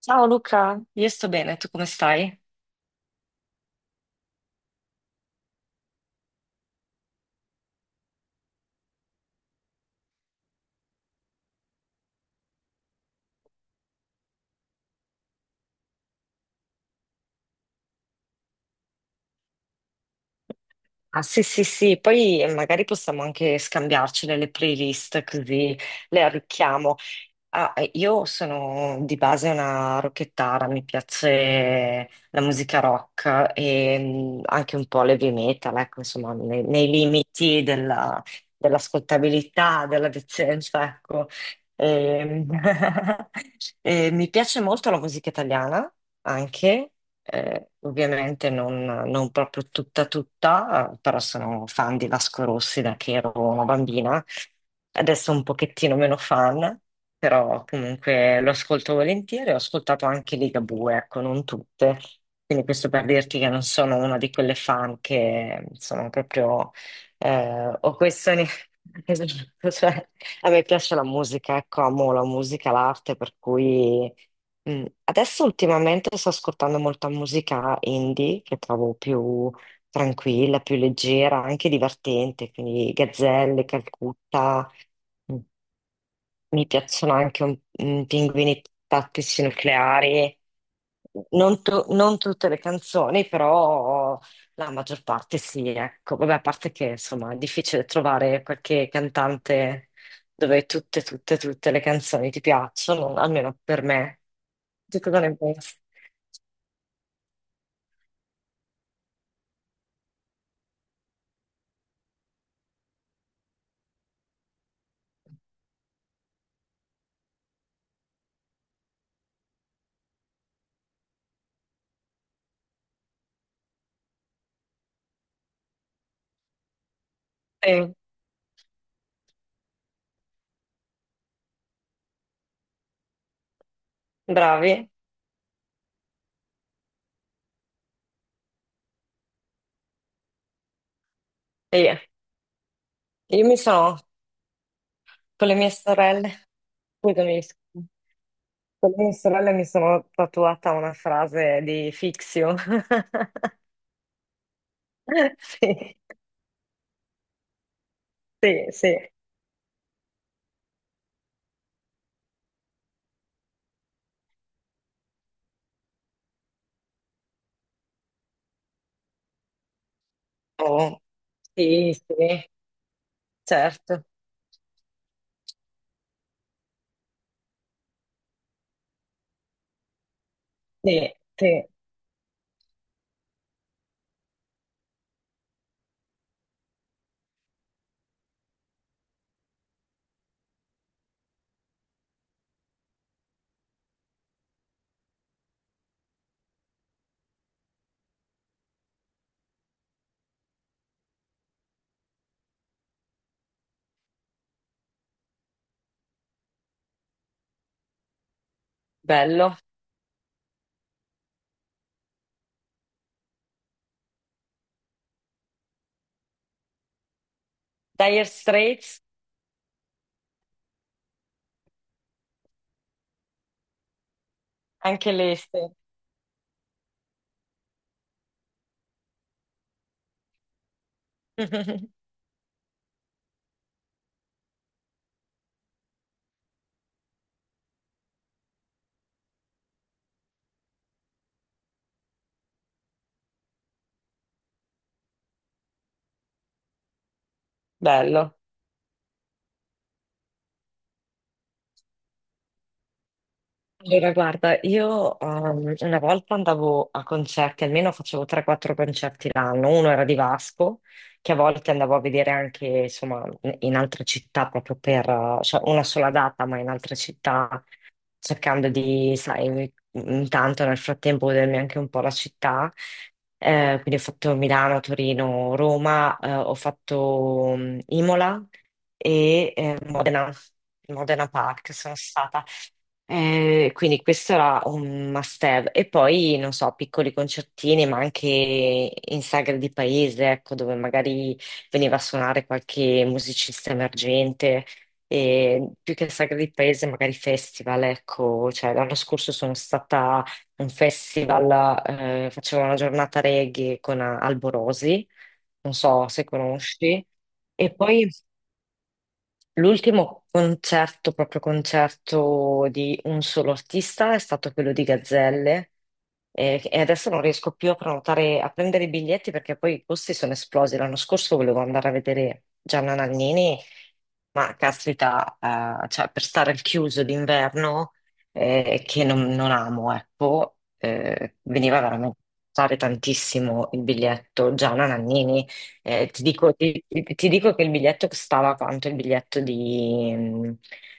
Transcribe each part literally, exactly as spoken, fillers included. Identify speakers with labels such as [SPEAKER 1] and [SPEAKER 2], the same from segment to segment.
[SPEAKER 1] Ciao Luca, io sto bene, tu come stai? Ah, sì, sì, sì, poi magari possiamo anche scambiarcele le playlist così le arricchiamo. Ah, eh, io sono di base una rockettara, mi piace la musica rock e mm, anche un po' l'heavy metal, ecco, insomma, nei, nei limiti della- dell'ascoltabilità, della decenza, ecco. E, mm, e mi piace molto la musica italiana, anche, eh, ovviamente non, non proprio tutta tutta, eh, però sono fan di Vasco Rossi da che ero una bambina, adesso un pochettino meno fan, però comunque lo ascolto volentieri, ho ascoltato anche Ligabue, ecco, non tutte. Quindi questo per dirti che non sono una di quelle fan che sono proprio eh, o questioni. Esatto, cioè, a me piace la musica, ecco, amo la musica, l'arte, per cui mm, adesso ultimamente sto ascoltando molta musica indie che trovo più tranquilla, più leggera, anche divertente, quindi Gazzelle, Calcutta. Mm. Mi piacciono anche un, mm, pinguini tattici nucleari. Non, tu- non tutte le canzoni, però la maggior parte sì, ecco. Vabbè, a parte che insomma è difficile trovare qualche cantante dove tutte, tutte, tutte le canzoni ti piacciono, almeno per me. Tu cosa ne pensi? Sì, bravi. E io, io mi sono, con le mie sorelle, scusami, con le mie sorelle mi sono tatuata una frase di Fixio. Sì, sì, sì. Oh, sì, sì, certo. Sì, sì, bello. Dire Straits, anche lei, sì. Bello. Allora, guarda, io ehm, una volta andavo a concerti, almeno facevo tre quattro concerti l'anno. Uno era di Vasco, che a volte andavo a vedere anche, insomma, in altre città proprio per, eh, cioè una sola data, ma in altre città cercando di, sai, intanto nel frattempo godermi anche un po' la città. Eh, quindi ho fatto Milano, Torino, Roma, eh, ho fatto mm, Imola e eh, Modena, Modena Park sono stata. Eh, quindi questo era un must-have. E poi, non so, piccoli concertini, ma anche in sagre di paese, ecco, dove magari veniva a suonare qualche musicista emergente. E più che sagre di paese, magari festival, ecco. Cioè, l'anno scorso sono stata a un festival, eh, facevo una giornata reggae con Alborosi, non so se conosci. E poi l'ultimo concerto, proprio concerto di un solo artista, è stato quello di Gazzelle, eh, e adesso non riesco più a prenotare, a prendere i biglietti perché poi i costi sono esplosi. L'anno scorso volevo andare a vedere Gianna Nannini, ma caspita, eh, cioè, per stare al chiuso d'inverno, eh, che non, non amo, ecco, eh, veniva veramente a costare tantissimo il biglietto Gianna Nannini. Eh, ti dico, ti- ti- ti dico che il biglietto costava quanto? Il biglietto di, mm,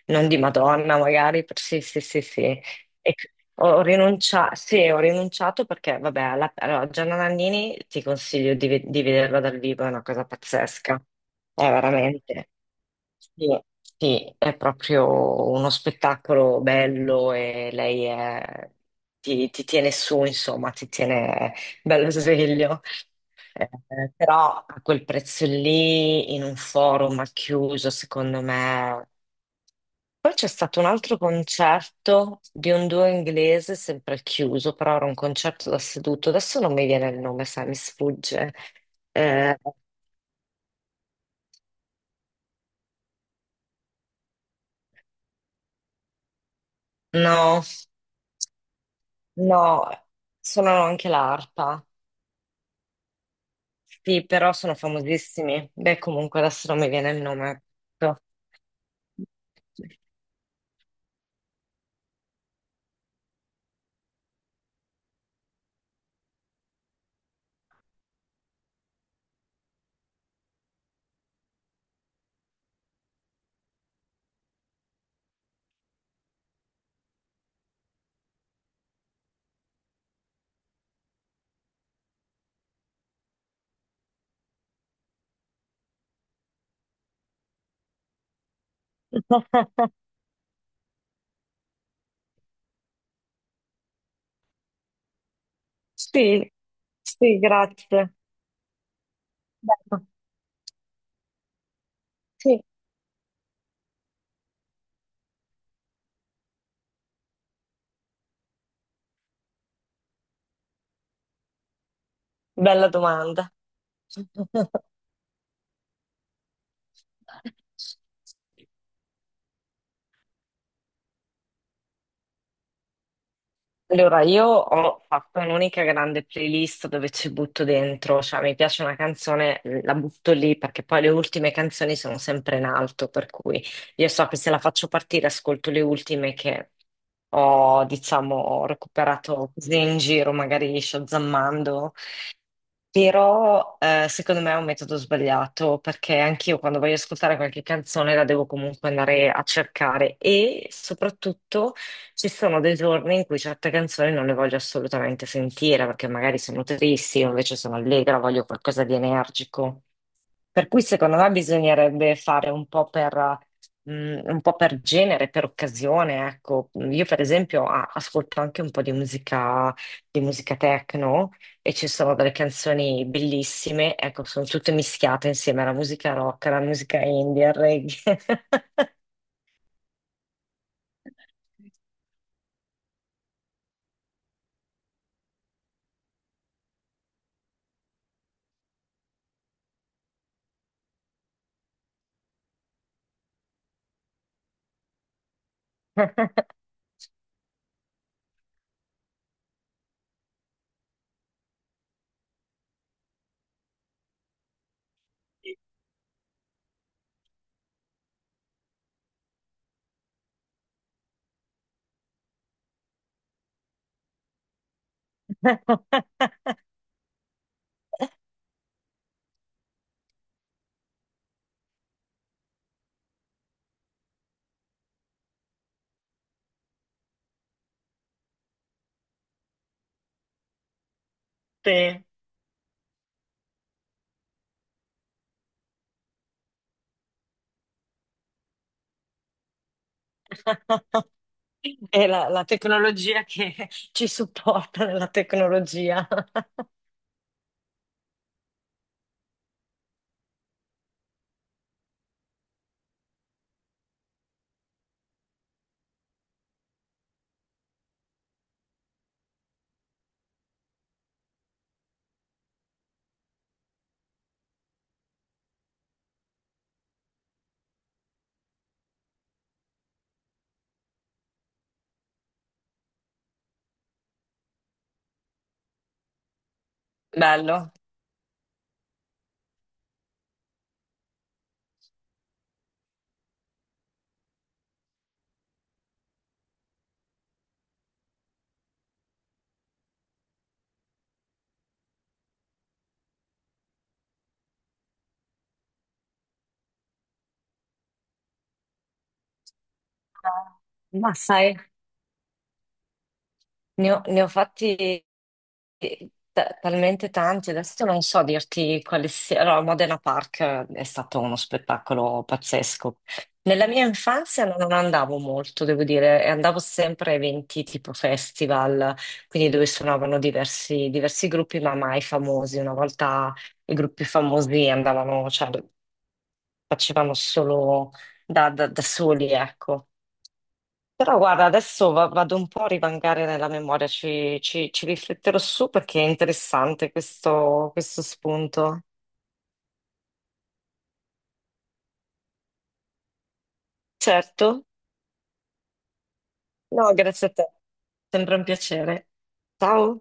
[SPEAKER 1] non di Madonna, magari, per- sì, sì, sì, sì. E c- Ho rinunciato, sì, ho rinunciato perché, vabbè, alla- allora, Gianna Nannini ti consiglio di, ve- di vederla dal vivo, è una cosa pazzesca, è veramente. Sì, sì, è proprio uno spettacolo bello e lei è- ti, ti tiene su, insomma, ti tiene bello sveglio. Eh, però a quel prezzo lì, in un forum al chiuso, secondo me. Poi c'è stato un altro concerto di un duo inglese, sempre al chiuso, però era un concerto da seduto. Adesso non mi viene il nome, sai, mi sfugge. Eh, no. No, suonano anche l'arpa. Sì, però sono famosissimi. Beh, comunque adesso non mi viene il nome. Sì, sì, grazie. Bello. Sì, bella domanda. Allora, io ho fatto un'unica grande playlist dove ci butto dentro, cioè mi piace una canzone, mhmm, la butto lì perché poi le ultime canzoni sono sempre in alto, per cui io so che se la faccio partire ascolto le ultime che ho, diciamo, recuperato così in giro, magari shazammando. Però eh, secondo me è un metodo sbagliato perché anch'io quando voglio ascoltare qualche canzone la devo comunque andare a cercare e soprattutto ci sono dei giorni in cui certe canzoni non le voglio assolutamente sentire perché magari sono tristi, io invece sono allegra, voglio qualcosa di energico. Per cui secondo me bisognerebbe fare un po' per, mh, un po' per genere, per occasione, ecco. Io per esempio a- ascolto anche un po' di musica, di musica techno e ci sono delle canzoni bellissime, ecco, sono tutte mischiate insieme alla musica rock, alla musica indie, al reggae. Sì. È la, la tecnologia che ci supporta nella tecnologia. Bello. Ma sai, ne ho, ne ho fatti eh, ta- talmente tanti, adesso non so dirti quali sia. Allora, Modena Park è stato uno spettacolo pazzesco. Nella mia infanzia non andavo molto, devo dire, e andavo sempre a eventi tipo festival, quindi dove suonavano diversi, diversi gruppi, ma mai famosi. Una volta i gruppi famosi andavano, cioè, facevamo solo da, da- da soli, ecco. Però guarda, adesso va- vado un po' a rivangare nella memoria, ci, ci- ci rifletterò su perché è interessante questo, questo spunto. Certo? No, grazie a te, sempre un piacere. Ciao.